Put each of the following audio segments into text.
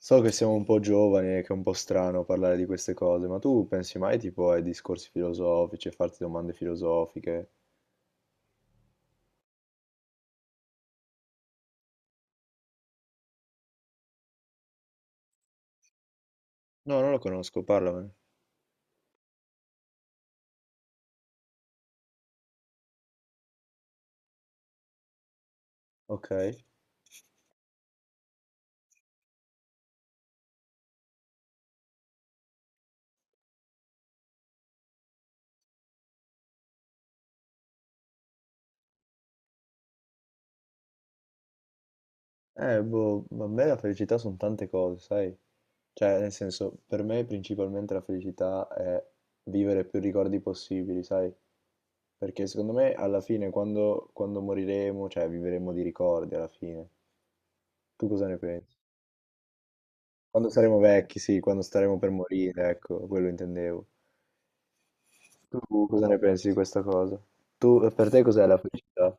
So che siamo un po' giovani e che è un po' strano parlare di queste cose, ma tu pensi mai tipo ai discorsi filosofici, a farti domande filosofiche? No, non lo conosco, parlamene. Ok. Ma a me la felicità sono tante cose, sai? Cioè, nel senso, per me principalmente la felicità è vivere più ricordi possibili, sai? Perché secondo me alla fine, quando moriremo, cioè vivremo di ricordi alla fine. Tu cosa ne pensi? Quando saremo vecchi, sì, quando staremo per morire, ecco, quello intendevo. Tu cosa ne pensi di questa cosa? Tu, per te cos'è la felicità?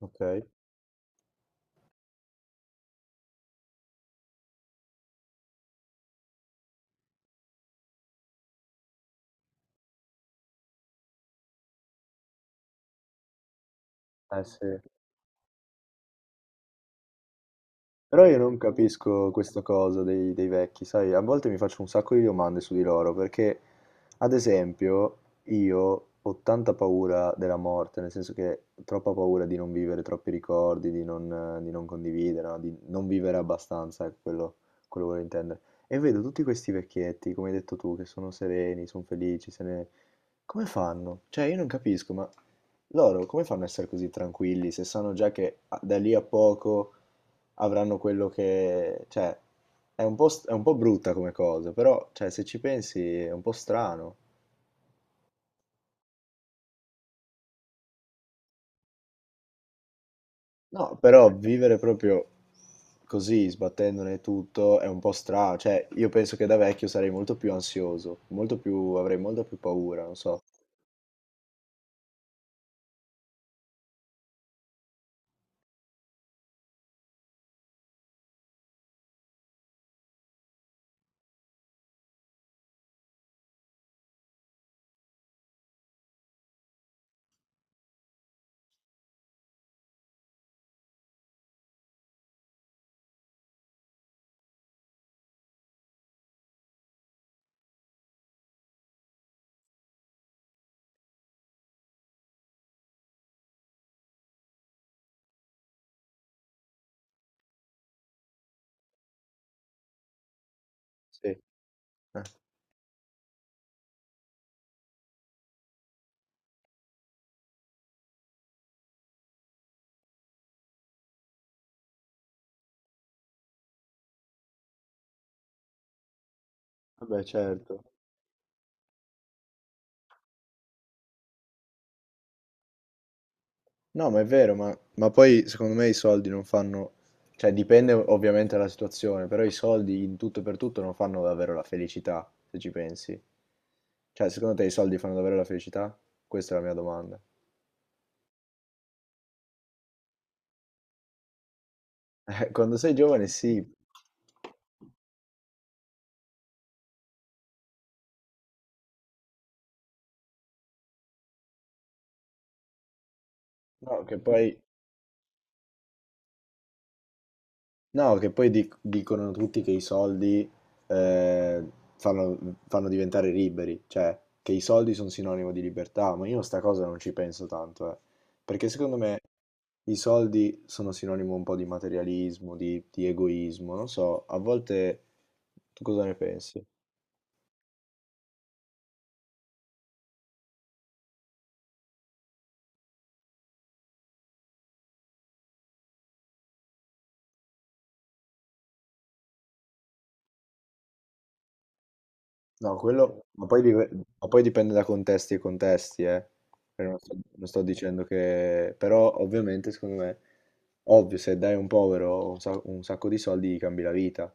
Ok. Eh sì. Però io non capisco questa cosa dei vecchi, sai, a volte mi faccio un sacco di domande su di loro, perché ad esempio io ho tanta paura della morte, nel senso che ho troppa paura di non vivere troppi ricordi, di non condividere, no? Di non vivere abbastanza, ecco, quello volevo intendere. E vedo tutti questi vecchietti, come hai detto tu, che sono sereni, sono felici, se ne, come fanno? Cioè, io non capisco, ma loro come fanno a essere così tranquilli se sanno già che da lì a poco avranno quello che... Cioè, è un po', è un po' brutta come cosa, però, cioè, se ci pensi è un po' strano. No, però vivere proprio così, sbattendone tutto, è un po' strano. Cioè, io penso che da vecchio sarei molto più ansioso, molto più, avrei molto più paura, non so. Sì. Vabbè, certo. No, ma è vero, ma poi secondo me i soldi non fanno, cioè dipende ovviamente dalla situazione, però i soldi in tutto e per tutto non fanno davvero la felicità, se ci pensi. Cioè, secondo te i soldi fanno davvero la felicità? Questa è la mia domanda. Quando sei giovane sì, no, che poi... No, che poi dicono tutti che i soldi eh, fanno, fanno diventare liberi, cioè che i soldi sono sinonimo di libertà, ma io sta cosa non ci penso tanto, eh. Perché secondo me i soldi sono sinonimo un po' di materialismo, di egoismo, non so, a volte tu cosa ne pensi? No, quello, ma poi dipende da contesti e contesti, eh. Cioè, non sto dicendo che... Però ovviamente, secondo me, ovvio, se dai a un povero un sacco di soldi gli cambi la vita,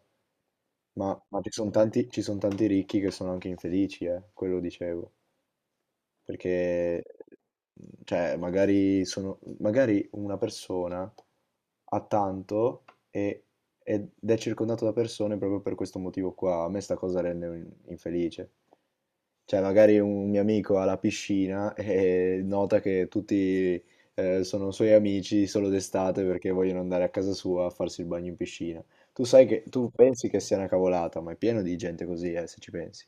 ma ci sono tanti, ci son tanti ricchi che sono anche infelici, quello dicevo. Perché, mhmm, cioè, magari sono, magari una persona ha tanto e- ed è circondato da persone proprio per questo motivo qua. A me sta cosa rende infelice. Cioè, magari un mio amico ha la piscina e nota che tutti sono suoi amici solo d'estate perché vogliono andare a casa sua a farsi il bagno in piscina. Tu sai che tu pensi che sia una cavolata, ma è pieno di gente così, se ci pensi.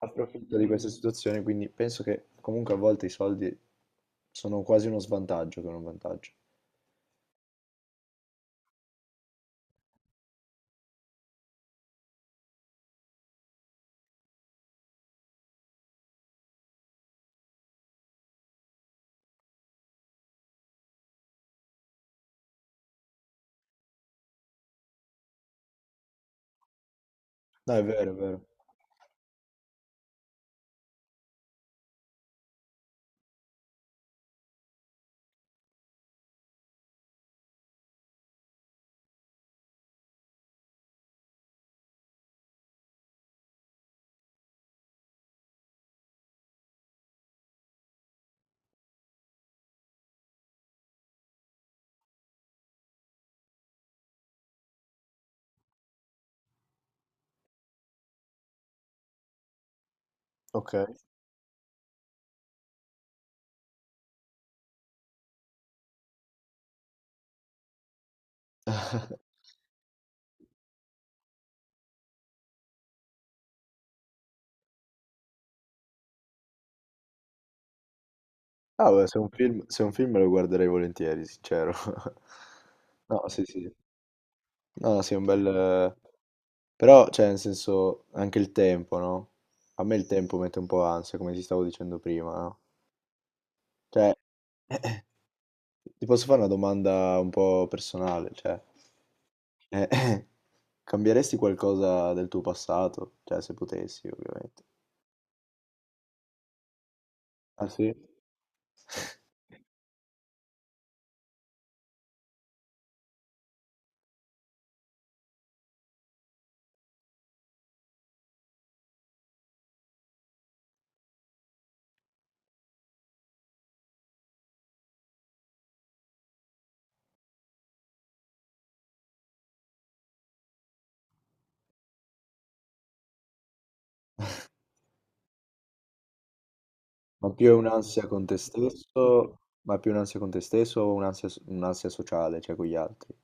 Approfitto di questa situazione, quindi penso che comunque a volte i soldi sono quasi uno svantaggio che un vantaggio. No, è vero, è vero. Ok. Ah, beh, se è un film, se è un film lo guarderei volentieri, sincero. No, sì, sì. No, no, sì, è un bel... però, cioè, nel senso, anche il tempo, no? A me il tempo mette un po' ansia, come ti stavo dicendo prima, no? Cioè, ti posso fare una domanda un po' personale, cioè... Eh, cambieresti qualcosa del tuo passato? Cioè, se potessi, ovviamente. Ah sì? Ma più è un'ansia con te stesso, ma più un'ansia con te stesso o un'ansia sociale, cioè con gli altri?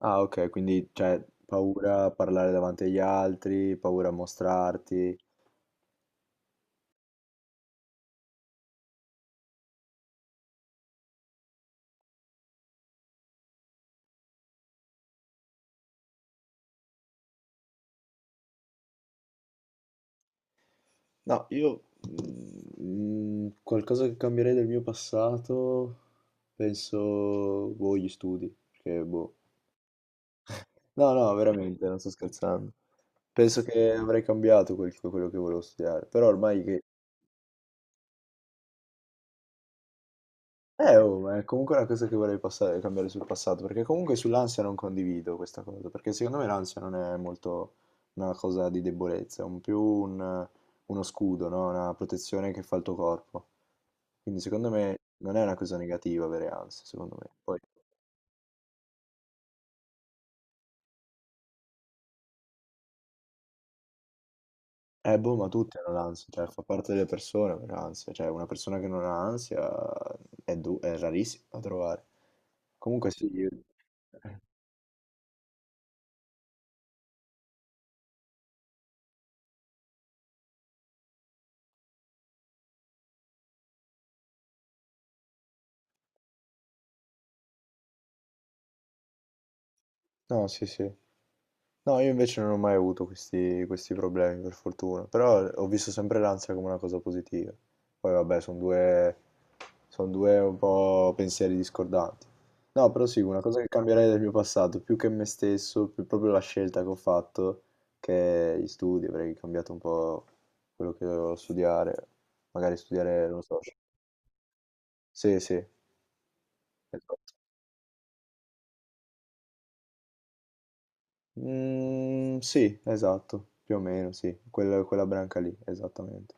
Ah, ok, quindi cioè, paura a parlare davanti agli altri, paura a mostrarti. No, io mm, qualcosa che cambierei del mio passato, penso, boh, gli studi, perché boh, no, no, veramente, non sto scherzando. Penso che avrei cambiato quello che volevo studiare, però ormai che... oh, ma è comunque una cosa che vorrei cambiare sul passato, perché comunque sull'ansia non condivido questa cosa, perché secondo me l'ansia non è molto una cosa di debolezza, è un più uno scudo, no? Una protezione che fa il tuo corpo. Quindi secondo me non è una cosa negativa avere ansia, secondo me. Poi... boh, ma tutti hanno l'ansia, cioè fa parte delle persone avere l'ansia, cioè una persona che non ha ansia è, è rarissima da trovare. Comunque sì, io... No, sì, sì. No, io invece non ho mai avuto questi problemi, per fortuna. Però ho visto sempre l'ansia come una cosa positiva. Poi vabbè, sono due un po' pensieri discordanti. No, però sì, una cosa che cambierei del mio passato, più che me stesso, più proprio la scelta che ho fatto, che gli studi, avrei cambiato un po' quello che dovevo studiare. Magari studiare, non lo so. Sì, sì, esatto. Mm, sì, esatto, più o meno, sì, quella, quella branca lì, esattamente.